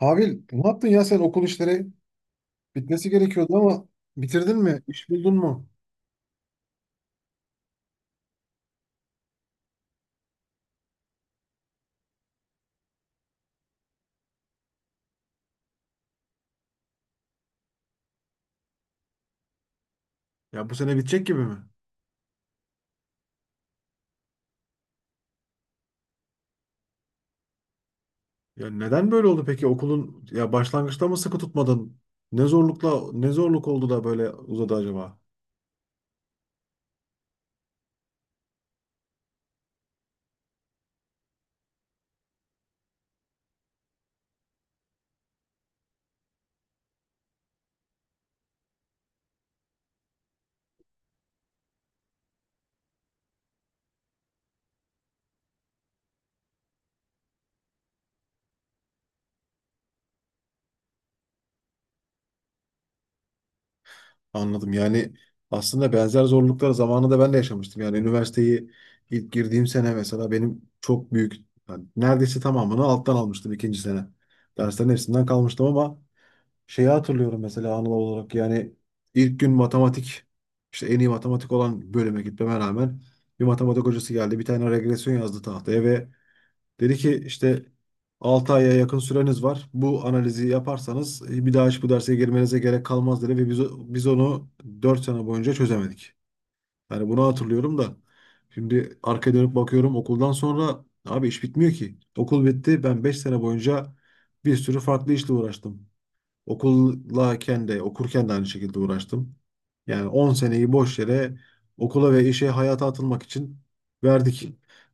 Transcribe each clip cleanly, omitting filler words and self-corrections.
Abi ne yaptın ya sen okul işleri? Bitmesi gerekiyordu ama bitirdin mi? İş buldun mu? Ya bu sene bitecek gibi mi? Ya neden böyle oldu peki okulun ya başlangıçta mı sıkı tutmadın? Ne zorlukla ne zorluk oldu da böyle uzadı acaba? Anladım. Yani aslında benzer zorluklar zamanında ben de yaşamıştım. Yani üniversiteyi ilk girdiğim sene mesela benim çok büyük yani neredeyse tamamını alttan almıştım ikinci sene. Derslerin hepsinden kalmıştım ama şeyi hatırlıyorum mesela anılar olarak yani ilk gün matematik işte en iyi matematik olan bölüme gitmeme rağmen bir matematik hocası geldi bir tane regresyon yazdı tahtaya ve dedi ki işte 6 aya yakın süreniz var. Bu analizi yaparsanız bir daha hiç bu derse girmenize gerek kalmaz dedi ve biz onu 4 sene boyunca çözemedik. Yani bunu hatırlıyorum da şimdi arkaya dönüp bakıyorum okuldan sonra abi iş bitmiyor ki. Okul bitti, ben 5 sene boyunca bir sürü farklı işle uğraştım. Okuldayken de okurken de aynı şekilde uğraştım. Yani 10 seneyi boş yere okula ve işe, hayata atılmak için verdik.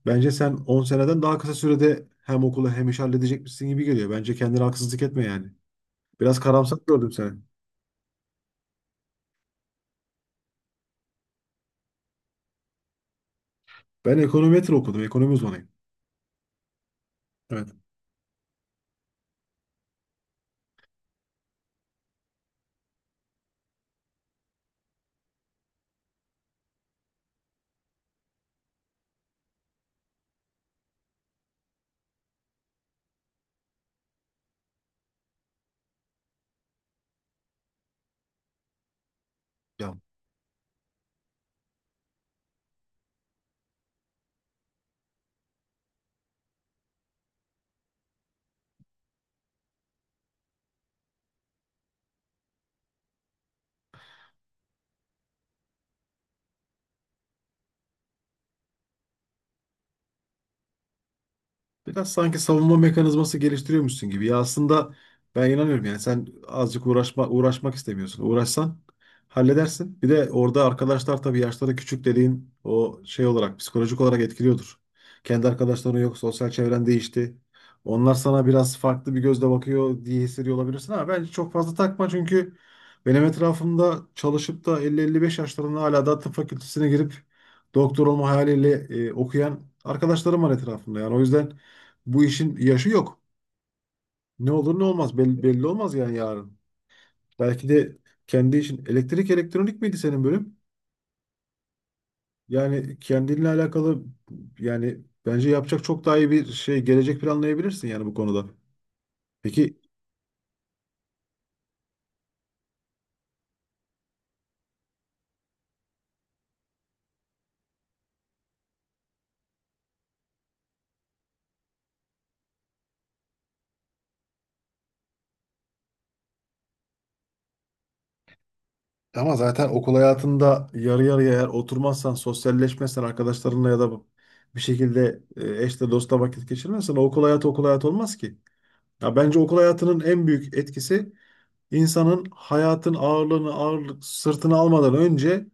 Bence sen 10 seneden daha kısa sürede hem okulu hem işi halledecekmişsin gibi geliyor. Bence kendine haksızlık etme yani. Biraz karamsar gördüm seni. Ben ekonometri okudum. Ekonomi uzmanıyım. Evet. Ya, biraz sanki savunma mekanizması geliştiriyormuşsun gibi. Ya aslında ben inanıyorum yani sen azıcık uğraşma, uğraşmak istemiyorsun. Uğraşsan halledersin. Bir de orada arkadaşlar tabii yaşları küçük dediğin o şey olarak, psikolojik olarak etkiliyordur. Kendi arkadaşların yok, sosyal çevren değişti. Onlar sana biraz farklı bir gözle bakıyor diye hissediyor olabilirsin ama bence çok fazla takma çünkü benim etrafımda çalışıp da 50-55 yaşlarında hala da tıp fakültesine girip doktor olma hayaliyle okuyan arkadaşlarım var etrafımda. Yani o yüzden bu işin yaşı yok. Ne olur ne olmaz belli, belli olmaz yani yarın. Belki de kendi işin, elektrik elektronik miydi senin bölüm? Yani kendinle alakalı yani bence yapacak çok daha iyi bir şey, gelecek planlayabilirsin yani bu konuda. Peki, ama zaten okul hayatında yarı yarıya eğer oturmazsan, sosyalleşmezsen arkadaşlarınla ya da bir şekilde eşle dostla vakit geçirmezsen o okul hayatı okul hayatı olmaz ki. Ya bence okul hayatının en büyük etkisi insanın, hayatın ağırlığını, ağırlık sırtına almadan önce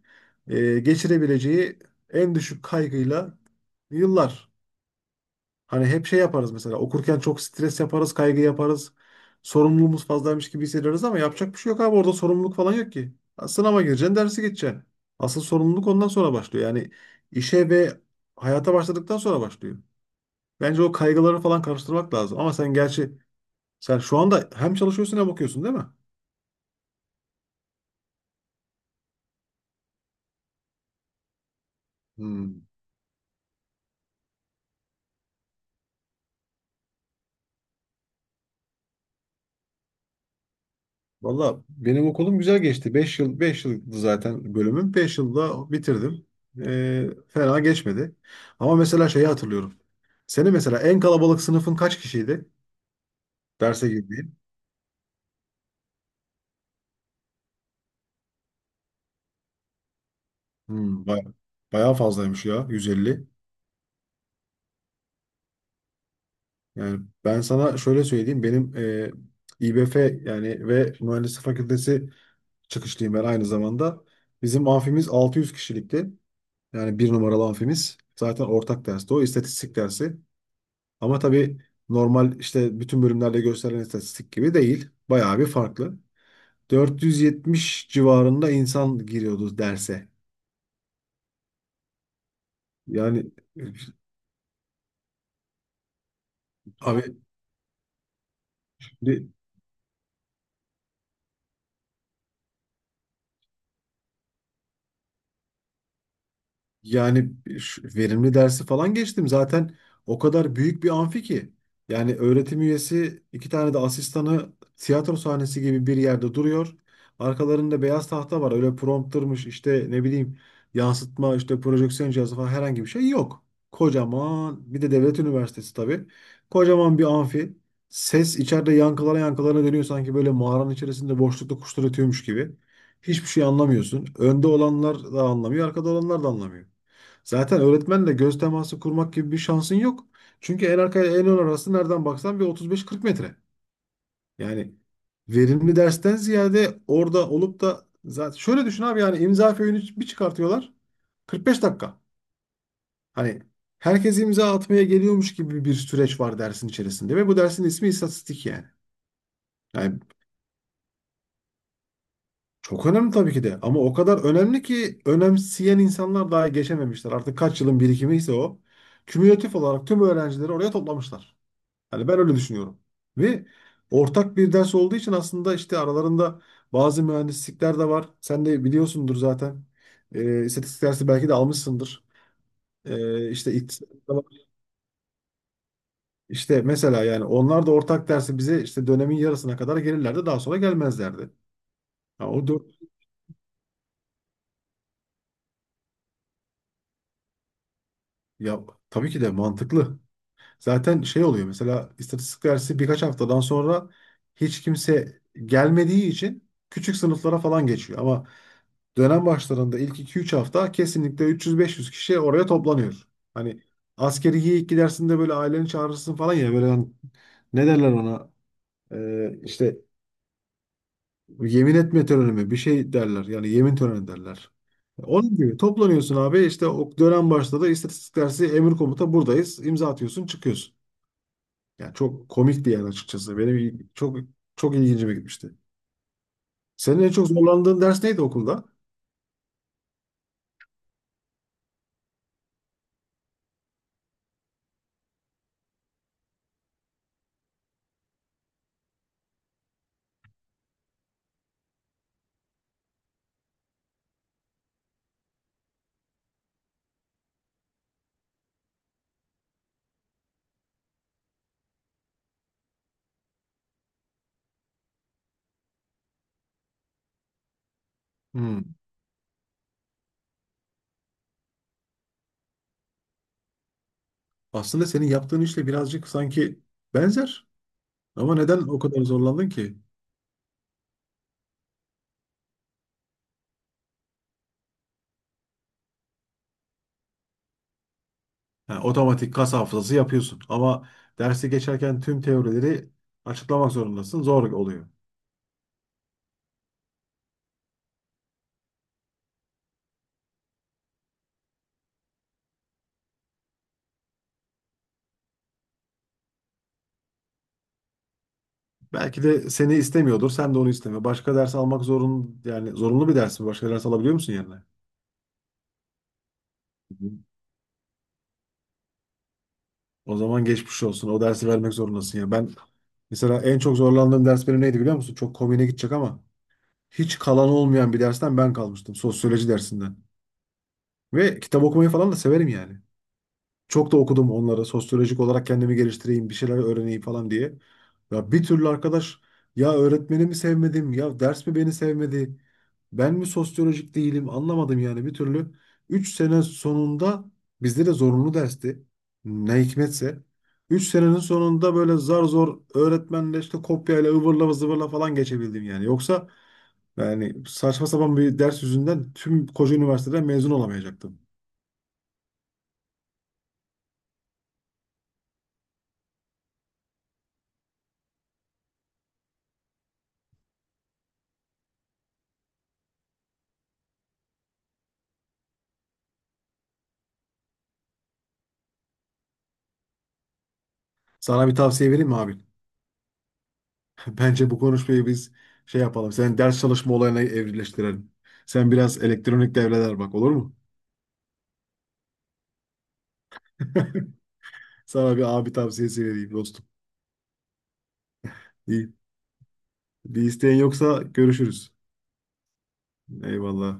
geçirebileceği en düşük kaygıyla yıllar. Hani hep şey yaparız mesela, okurken çok stres yaparız, kaygı yaparız. Sorumluluğumuz fazlaymış gibi hissediyoruz ama yapacak bir şey yok abi, orada sorumluluk falan yok ki. Ha, sınava gireceksin, dersi geçeceksin. Asıl sorumluluk ondan sonra başlıyor. Yani işe ve hayata başladıktan sonra başlıyor. Bence o kaygıları falan karıştırmak lazım. Ama sen gerçi sen şu anda hem çalışıyorsun hem okuyorsun değil mi? Hmm. Valla benim okulum güzel geçti. 5 yıl 5 yıldı zaten bölümüm. 5 yılda bitirdim. Fena geçmedi. Ama mesela şeyi hatırlıyorum. Senin mesela en kalabalık sınıfın kaç kişiydi? Derse girdiğin. Hmm, bayağı, bayağı fazlaymış ya, 150. Yani ben sana şöyle söyleyeyim. Benim İBF yani ve Mühendislik Fakültesi çıkışlıyım ben aynı zamanda. Bizim amfimiz 600 kişilikti. Yani bir numaralı amfimiz. Zaten ortak dersti o istatistik dersi. Ama tabii normal işte bütün bölümlerde gösterilen istatistik gibi değil. Bayağı bir farklı. 470 civarında insan giriyordu derse. Yani, e, abi. Yani şu verimli dersi falan geçtim. Zaten o kadar büyük bir amfi ki. Yani öğretim üyesi, 2 tane de asistanı tiyatro sahnesi gibi bir yerde duruyor. Arkalarında beyaz tahta var. Öyle promptırmış işte, ne bileyim, yansıtma, işte projeksiyon cihazı falan, herhangi bir şey yok. Kocaman bir de devlet üniversitesi tabii. Kocaman bir amfi. Ses içeride yankılara yankılara dönüyor, sanki böyle mağaranın içerisinde boşlukta kuşlar ötüyormuş gibi. Hiçbir şey anlamıyorsun. Önde olanlar da anlamıyor, arkada olanlar da anlamıyor. Zaten öğretmenle göz teması kurmak gibi bir şansın yok. Çünkü en arka ile en ön arası nereden baksan bir 35-40 metre. Yani verimli dersten ziyade orada olup da zaten, şöyle düşün abi, yani imza föyünü bir çıkartıyorlar. 45 dakika. Hani herkes imza atmaya geliyormuş gibi bir süreç var dersin içerisinde ve bu dersin ismi istatistik yani. Yani çok önemli tabii ki de ama o kadar önemli ki önemseyen insanlar daha geçememişler. Artık kaç yılın birikimi ise o. Kümülatif olarak tüm öğrencileri oraya toplamışlar. Hani ben öyle düşünüyorum. Ve ortak bir ders olduğu için aslında işte aralarında bazı mühendislikler de var. Sen de biliyorsundur zaten. İstatistik dersi belki de almışsındır. İşte iktisat da var. İşte mesela yani onlar da ortak dersi bize işte dönemin yarısına kadar gelirlerdi. Daha sonra gelmezlerdi. Ha, o dört, ya tabii ki de mantıklı. Zaten şey oluyor mesela istatistik dersi birkaç haftadan sonra hiç kimse gelmediği için küçük sınıflara falan geçiyor. Ama dönem başlarında ilk 2-3 hafta kesinlikle 300-500 kişi oraya toplanıyor. Hani askeri ilk gidersin, böyle aileni çağırırsın falan ya, böyle hani ne derler ona, işte yemin etme töreni mi, bir şey derler yani, yemin töreni derler. Onun gibi toplanıyorsun abi işte, o dönem başladı istatistik dersi, emir komuta buradayız, imza atıyorsun çıkıyorsun. Yani çok komik bir yer açıkçası. Benim çok çok ilgincime gitmişti. Senin en çok zorlandığın ders neydi okulda? Hmm. Aslında senin yaptığın işle birazcık sanki benzer. Ama neden o kadar zorlandın ki? Ha, otomatik kas hafızası yapıyorsun. Ama dersi geçerken tüm teorileri açıklamak zorundasın. Zor oluyor. Belki de seni istemiyordur. Sen de onu isteme. Başka ders almak zorun, yani zorunlu bir ders mi? Başka ders alabiliyor musun yerine? O zaman geçmiş olsun. O dersi vermek zorundasın ya. Ben mesela en çok zorlandığım ders benim neydi biliyor musun? Çok komiğine gidecek ama hiç kalan olmayan bir dersten ben kalmıştım. Sosyoloji dersinden. Ve kitap okumayı falan da severim yani. Çok da okudum onları. Sosyolojik olarak kendimi geliştireyim, bir şeyler öğreneyim falan diye. Ya bir türlü arkadaş, ya öğretmeni mi sevmedim, ya ders mi beni sevmedi, ben mi sosyolojik değilim, anlamadım yani bir türlü. 3 sene sonunda, bizde de zorunlu dersti. Ne hikmetse. 3 senenin sonunda böyle zar zor öğretmenle, işte kopyayla ıvırla zıvırla falan geçebildim yani. Yoksa yani saçma sapan bir ders yüzünden tüm koca üniversiteden mezun olamayacaktım. Sana bir tavsiye vereyim mi abi? Bence bu konuşmayı biz şey yapalım. Senin ders çalışma olayına evrileştirelim. Sen biraz elektronik devreler bak, olur mu? Sana bir abi tavsiyesi vereyim dostum. İyi. Bir isteğin yoksa görüşürüz. Eyvallah.